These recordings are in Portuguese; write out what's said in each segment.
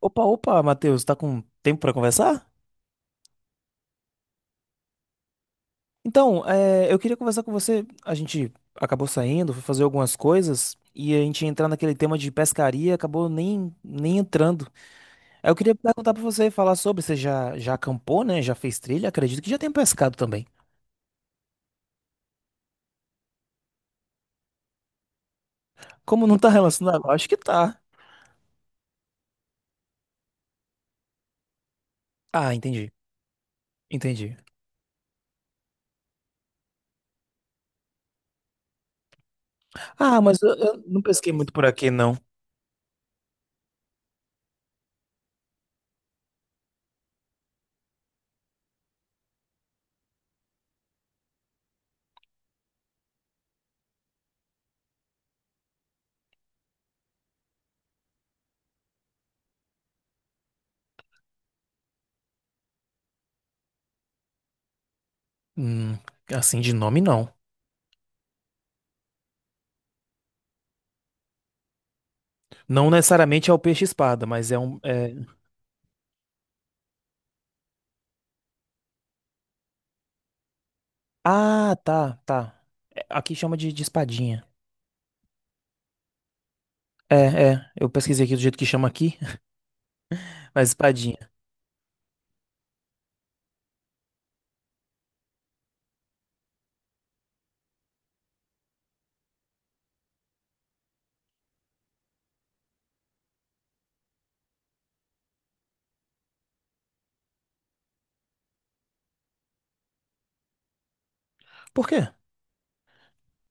Opa, opa, Matheus, tá com tempo pra conversar? Então, é, eu queria conversar com você. A gente acabou saindo, foi fazer algumas coisas e a gente ia entrar naquele tema de pescaria, acabou nem entrando. Aí eu queria perguntar pra você, falar sobre, você já acampou, né? Já fez trilha? Acredito que já tem pescado também. Como não tá relacionado? Acho que tá. Ah, entendi, entendi. Ah, mas eu não pesquei muito por aqui, não. Hum, assim de nome, não. Não necessariamente é o peixe-espada, mas é um. É ah, tá, tá. É, aqui chama de espadinha. É, é. Eu pesquisei aqui do jeito que chama aqui, mas espadinha. Por quê?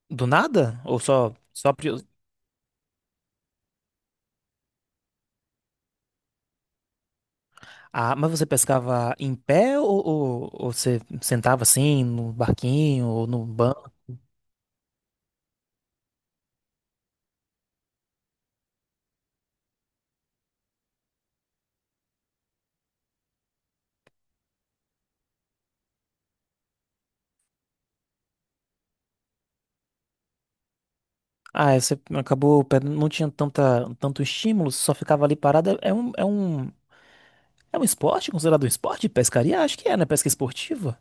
Do nada? Ou só... Ah, mas você pescava em pé ou você sentava assim no barquinho ou no banco? Ah, aí você acabou, não tinha tanta, tanto estímulo, só ficava ali parada. É um esporte? Considerado um esporte de pescaria? Acho que é, né? Pesca esportiva.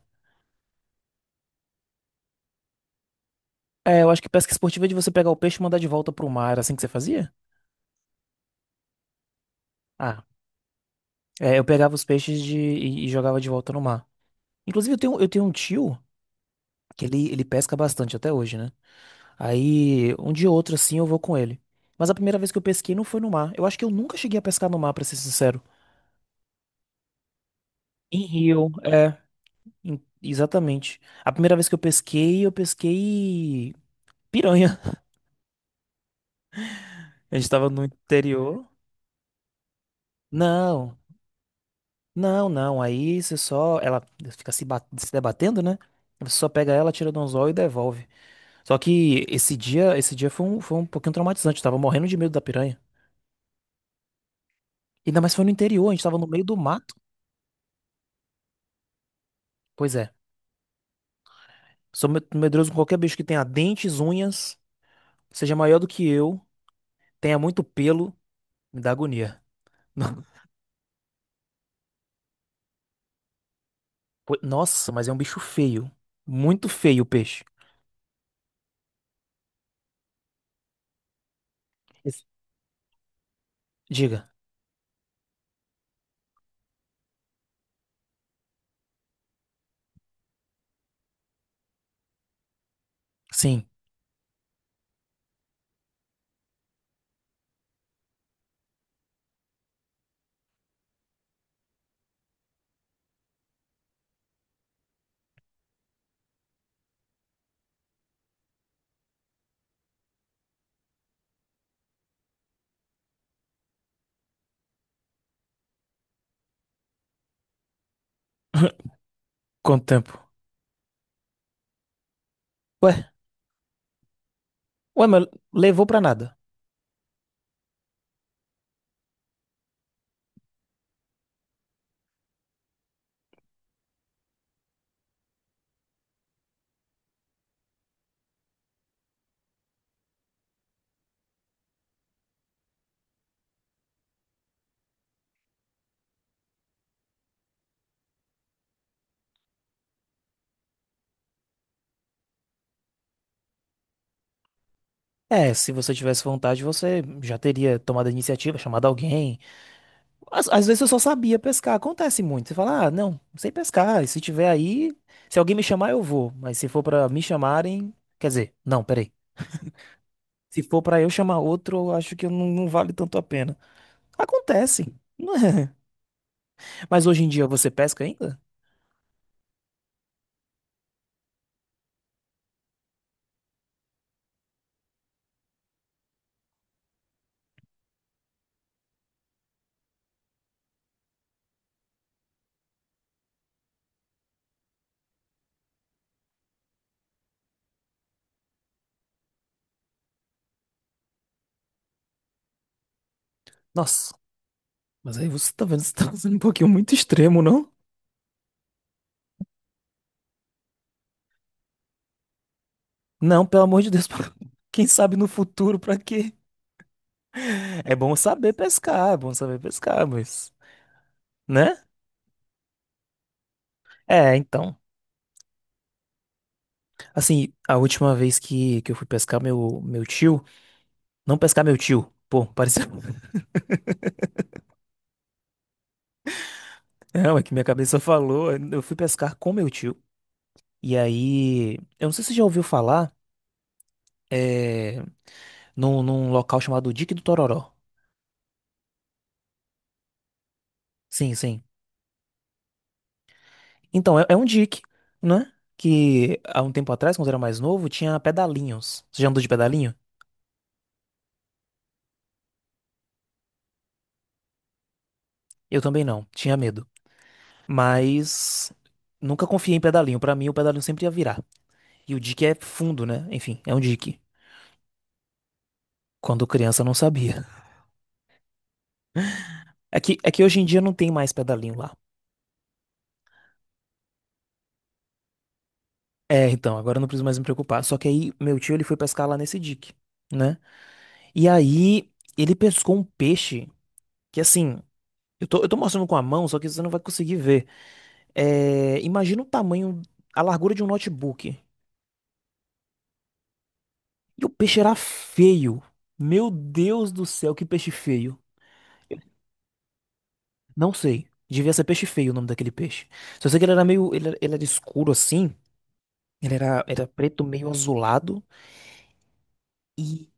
É, eu acho que pesca esportiva é de você pegar o peixe e mandar de volta pro mar, assim que você fazia? Ah. É, eu pegava os peixes e jogava de volta no mar. Inclusive, eu tenho um tio que ele pesca bastante até hoje, né? Aí, um dia ou outro, assim, eu vou com ele. Mas a primeira vez que eu pesquei não foi no mar. Eu acho que eu nunca cheguei a pescar no mar, pra ser sincero. Em rio, é. Exatamente. A primeira vez que eu pesquei piranha. A gente tava no interior. Não, não, não. Aí você só. Ela fica se, se debatendo, né? Você só pega ela, tira do anzol e devolve. Só que esse dia foi um pouquinho traumatizante. Eu tava morrendo de medo da piranha. Ainda mais foi no interior, a gente tava no meio do mato. Pois é. Sou medroso com qualquer bicho que tenha dentes, unhas, seja maior do que eu, tenha muito pelo, me dá agonia. No- Nossa, mas é um bicho feio. Muito feio o peixe. Esse- Diga. Sim. Quanto tempo? Ué, ué, mas levou pra nada. É, se você tivesse vontade, você já teria tomado a iniciativa, chamado alguém. Às vezes eu só sabia pescar. Acontece muito. Você fala, ah, não, não sei pescar. E se tiver aí, se alguém me chamar, eu vou. Mas se for pra me chamarem. Quer dizer, não, peraí. Se for pra eu chamar outro, eu acho que não, não vale tanto a pena. Acontece. Não é? Mas hoje em dia você pesca ainda? Nossa, mas aí você tá vendo, você tá sendo um pouquinho muito extremo, não? Não, pelo amor de Deus. Quem sabe no futuro, pra quê? É bom saber pescar, é bom saber pescar, mas, né? É, então. Assim, a última vez que eu fui pescar meu tio. Não pescar meu tio. Pô, pareceu. Não, é que minha cabeça falou. Eu fui pescar com meu tio. E aí. Eu não sei se você já ouviu falar. É, num local chamado Dique do Tororó. Sim, sim. Então, é, é um dique, né? Que há um tempo atrás, quando eu era mais novo, tinha pedalinhos. Você já andou de pedalinho? Eu também não. Tinha medo. Mas nunca confiei em pedalinho. Pra mim, o pedalinho sempre ia virar. E o dique é fundo, né? Enfim, é um dique. Quando criança, eu não sabia. É que hoje em dia não tem mais pedalinho lá. É, então, agora eu não preciso mais me preocupar. Só que aí, meu tio, ele foi pescar lá nesse dique, né? E aí, ele pescou um peixe que, assim, eu tô mostrando com a mão, só que você não vai conseguir ver. É, imagina o tamanho, a largura de um notebook. E o peixe era feio. Meu Deus do céu, que peixe feio. Não sei. Devia ser peixe feio o nome daquele peixe. Só sei que ele era meio. Ele era escuro assim. Ele era, era preto, meio azulado. E,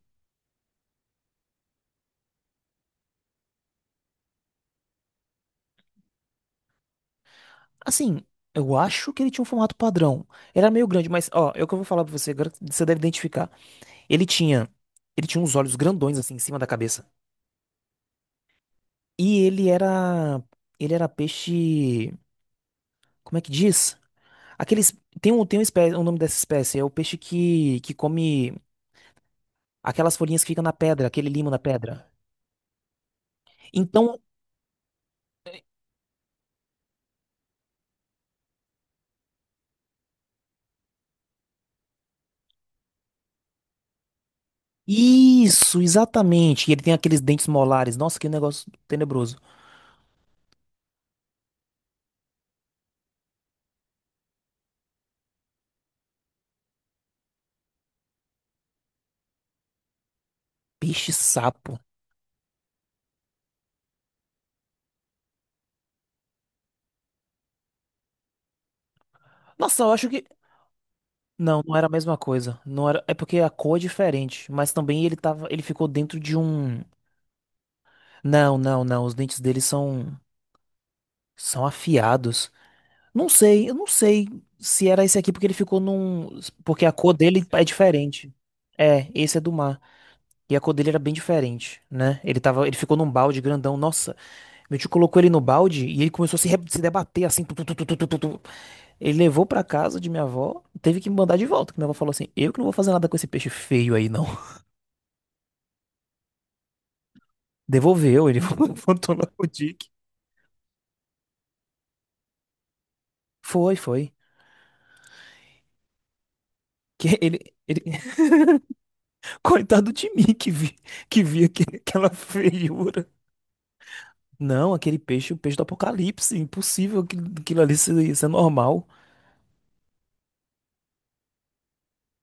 assim, eu acho que ele tinha um formato padrão. Ele era meio grande, mas, ó, é o que eu vou falar pra você agora. Você deve identificar. Ele tinha. Ele tinha uns olhos grandões assim em cima da cabeça. E ele era. Ele era peixe. Como é que diz? Aqueles. Tem um, tem uma espécie, o nome dessa espécie. É o peixe que come aquelas folhinhas que ficam na pedra, aquele limo na pedra. Então, isso, exatamente. E ele tem aqueles dentes molares. Nossa, que negócio tenebroso. Peixe-sapo. Nossa, eu acho que. Não, não era a mesma coisa. Não era... É porque a cor é diferente. Mas também ele tava. Ele ficou dentro de um. Não, não, não. Os dentes dele são. São afiados. Não sei, eu não sei se era esse aqui, porque ele ficou num. Porque a cor dele é diferente. É, esse é do mar. E a cor dele era bem diferente, né? Ele tava. Ele ficou num balde grandão. Nossa. Meu tio colocou ele no balde e ele começou a se, se debater assim. Tu, tu, tu, tu, tu, tu, tu, tu. Ele levou pra casa de minha avó, teve que me mandar de volta. Que minha avó falou assim: Eu que não vou fazer nada com esse peixe feio aí, não. Devolveu, ele voltou lá pro Dick. Foi, foi. Que ele... Coitado de mim que vi, que vi aquela feiura. Não, aquele peixe, o peixe do apocalipse. Impossível aquilo, aquilo ali ser, ser normal.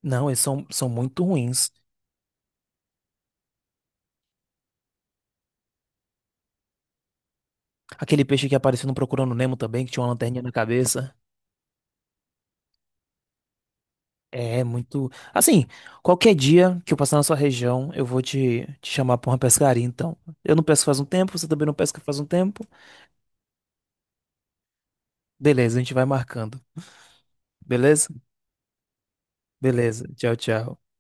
Não, eles são, são muito ruins. Aquele peixe que apareceu no Procurando Nemo também, que tinha uma lanterninha na cabeça. É muito. Assim, qualquer dia que eu passar na sua região, eu vou te chamar pra uma pescaria, então. Eu não pesco faz um tempo, você também não pesca faz um tempo. Beleza, a gente vai marcando. Beleza? Beleza. Tchau, tchau.